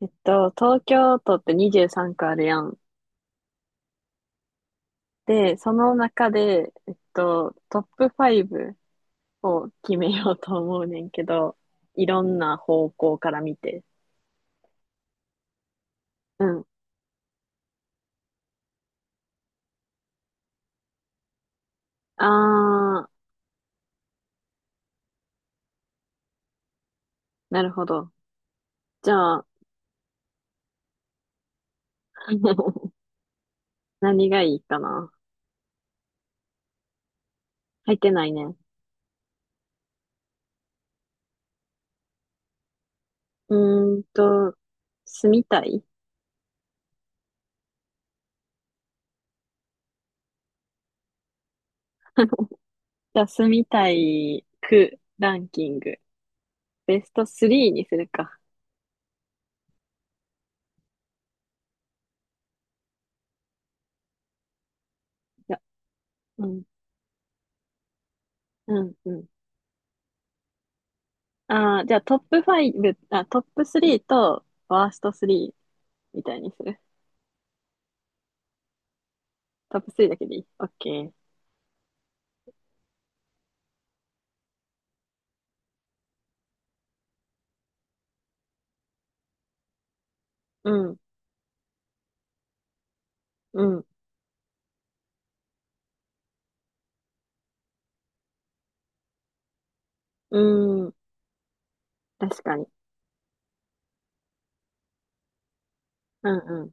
東京都って23区あるやん。で、その中で、トップ5を決めようと思うねんけど、いろんな方向から見て。うん。あー、なるほど。じゃあ、何がいいかな。入ってないね。うーんと、住みたいじゃあ、住みたい区ランキング。ベスト3にするか。いや、うん、うん、うん。ああ、じゃあトップファイブあ、トップ3とワースト3みたいにする。トップ3だけでいい。オッケー。うん、うん、うーん。確かに。うん、う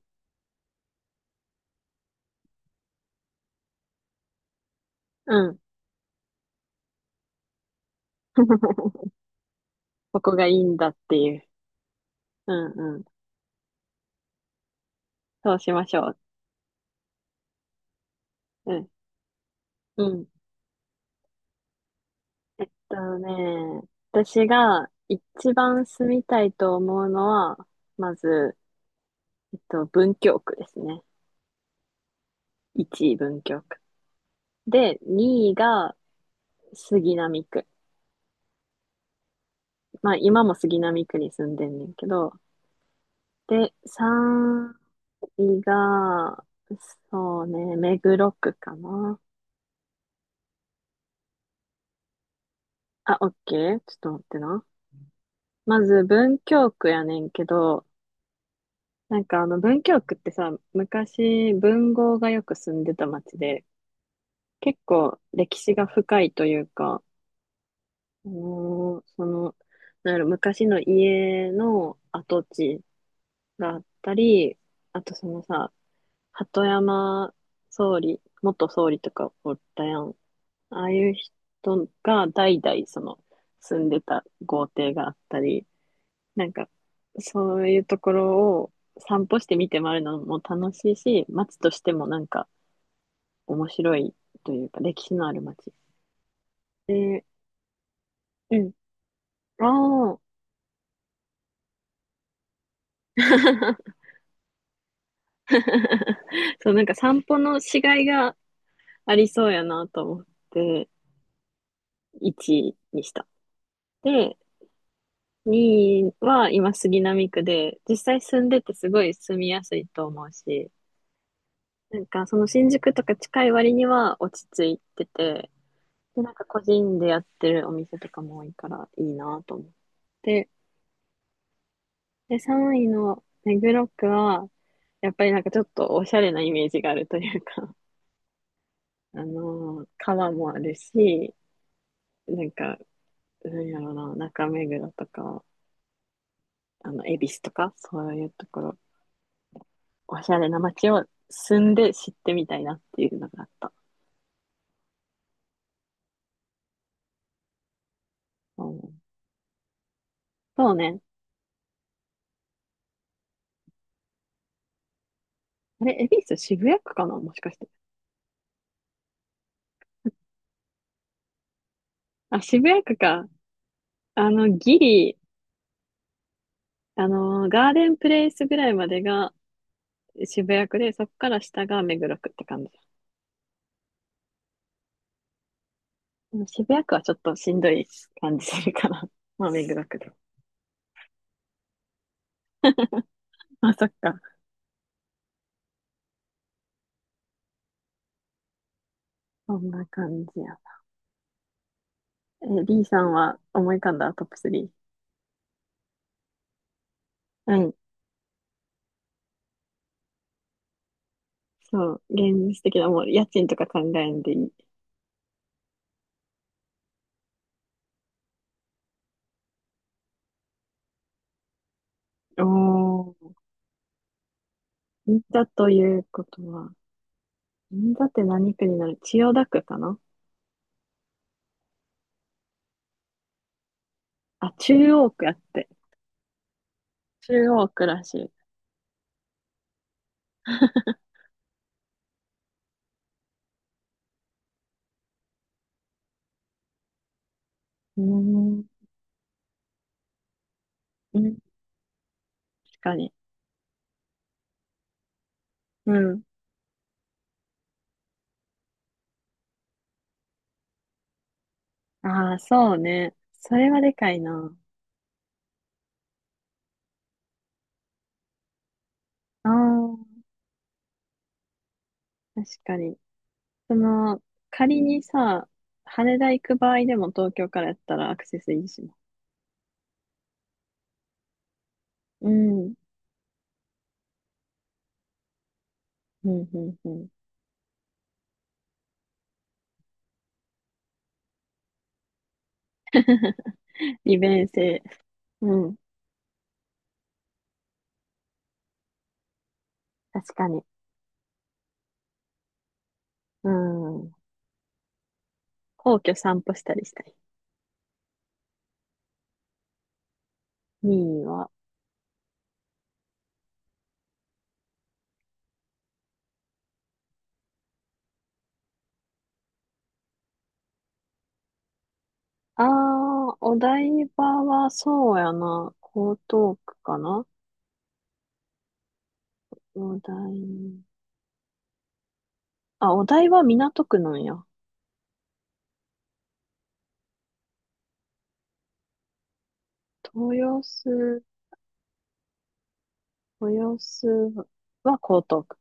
ん、うん。ここがいいんだっていう。うんうん。そうしましょう。うん。うん。えっとね、私が一番住みたいと思うのは、まず、文京区ですね。1位文京区。で、2位が杉並区。まあ今も杉並区に住んでんねんけど、で、3位が、そうね、目黒区かな。あ、オッケー。ちょっと待ってな。まず文京区やねんけど、なんかあの文京区ってさ、昔文豪がよく住んでた町で、結構歴史が深いというか、あのーその、なんやろ、昔の家の跡地があったり、あとそのさ、鳩山総理、元総理とかおったやん。ああいう人が代々その住んでた豪邸があったり、なんかそういうところを散歩して見て回るのも楽しいし、街としてもなんか面白いというか歴史のある街。で、うん。ああ。そう、なんか散歩のしがいがありそうやなと思って1位にした。で、2位は今杉並区で、実際住んでてすごい住みやすいと思うし、なんかその新宿とか近い割には落ち着いてて、で、なんか個人でやってるお店とかも多いからいいなと思って。で、3位の目黒区は、やっぱりなんかちょっとおしゃれなイメージがあるというか、川もあるし、なんか、なんやろうな、中目黒とか、恵比寿とか、そういうところおしゃれな街を住んで知ってみたいなっていうのがあった。うん、そうね。あれ、恵比寿渋谷区かなもしかして。あ、渋谷区か。ギリ、ガーデンプレイスぐらいまでが渋谷区で、そこから下が目黒区って感じ。でも渋谷区はちょっとしんどい感じするから。まあ、目黒区で。あ、そっか。そんな感じや。え、B さんは思い浮かんだトップ3？うん。そう。現実的な、もう家賃とか考えんでいい。おー。銀座ということは、銀座って何区になる？千代田区かなあ、中央区やって。中央区らしい。うーん、うん、確かに。うん。ああ、そうね。それはでかいな。ああ、確かに。その、仮にさ、羽田行く場合でも東京からやったらアクセスいいしな。うん、うん、うん、うん。利便性。うん、確かに。うん。皇居散歩したりしたい。2位は、ああ、お台場はそうやな。江東区かな。お台、あ、お台場、港区なんや。豊洲、豊洲は江東区。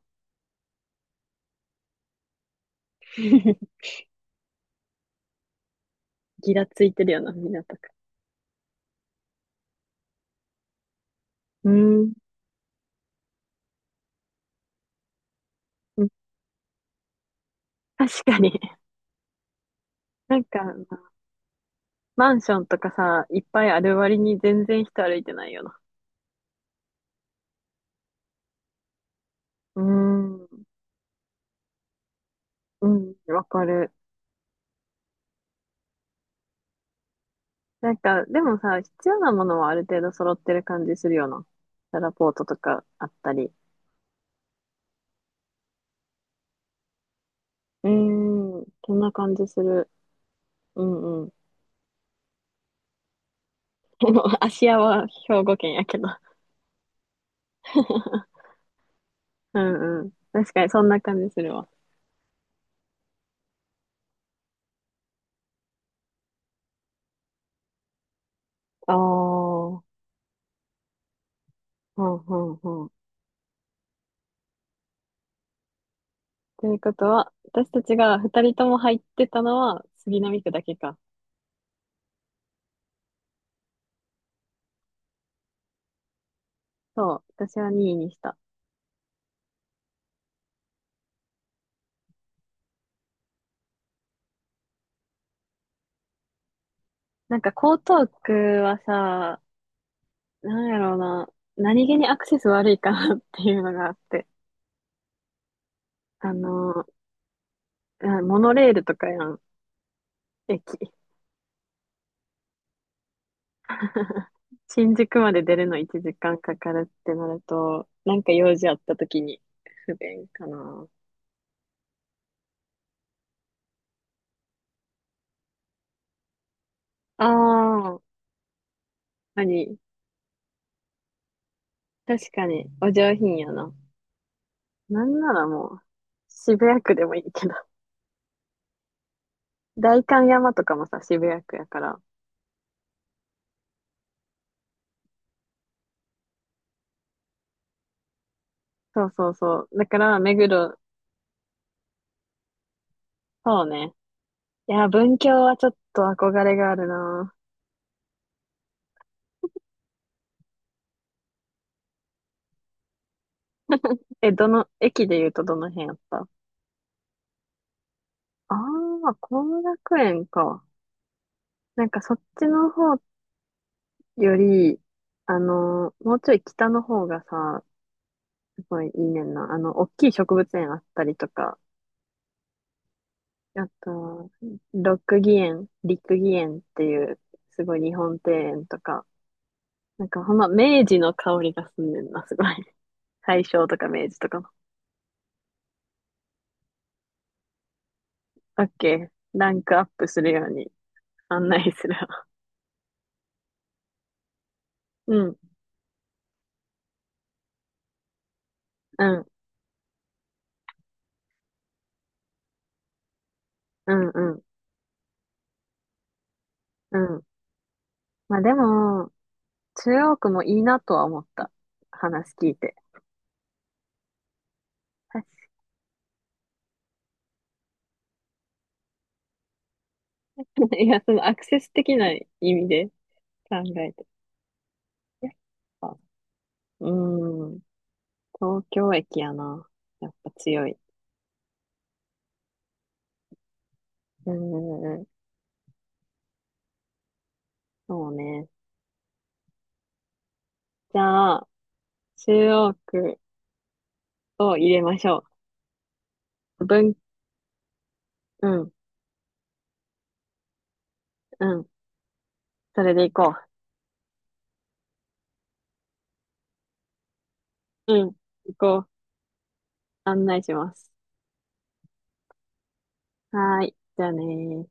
ギラついてるよな、港区。うーん。うん確かに。なんか、マンションとかさ、いっぱいある割に全然人歩いてないよな。うーん。うん、わかる。なんか、でもさ、必要なものはある程度揃ってる感じするよな。ラポートとかあったり。うーん、そんな感じする。うんうん。でも、芦屋は兵庫県やけど。うんうん。確かにそんな感じするわ。ああ、ほんほんほん。ということは、私たちが二人とも入ってたのは杉並区だけか。そう、私は2位にした。なんか江東区はさ、なんやろうな、何気にアクセス悪いかなっていうのがあって。あの、モノレールとかやん、駅。新宿まで出るの1時間かんかかるってなると、なんか用事あった時に不便かな。ああ、あり。確かに、お上品やな。なんならもう、渋谷区でもいいけど。代官山とかもさ、渋谷区やから。そうそうそう。だから、目黒、そうね。いや、文京はちょっと憧れがあるな。え、駅で言うとどの辺やった？ああー、後楽園か。なんかそっちの方より、もうちょい北の方がさ、すごいいいねんな。大きい植物園あったりとか、あと、ロックギ園、リックギ園っていう、すごい日本庭園とか、なんかほんま明治の香りがすんねんな、すごい。大正とか明治とかの。オッケー。ランクアップするように案内するわ。うん、うん、うん、うん、うん。まあでも、中央区もいいなとは思った。話聞いて。確 いや、そのアクセス的な意味で考えて。やっぱ、うーん、東京駅やな。やっぱ強い。うーん、そうね。じゃあ、中央区を入れましょう。うん、うん、それで行こう。うん、行こう。案内します。はーい、じゃあねー。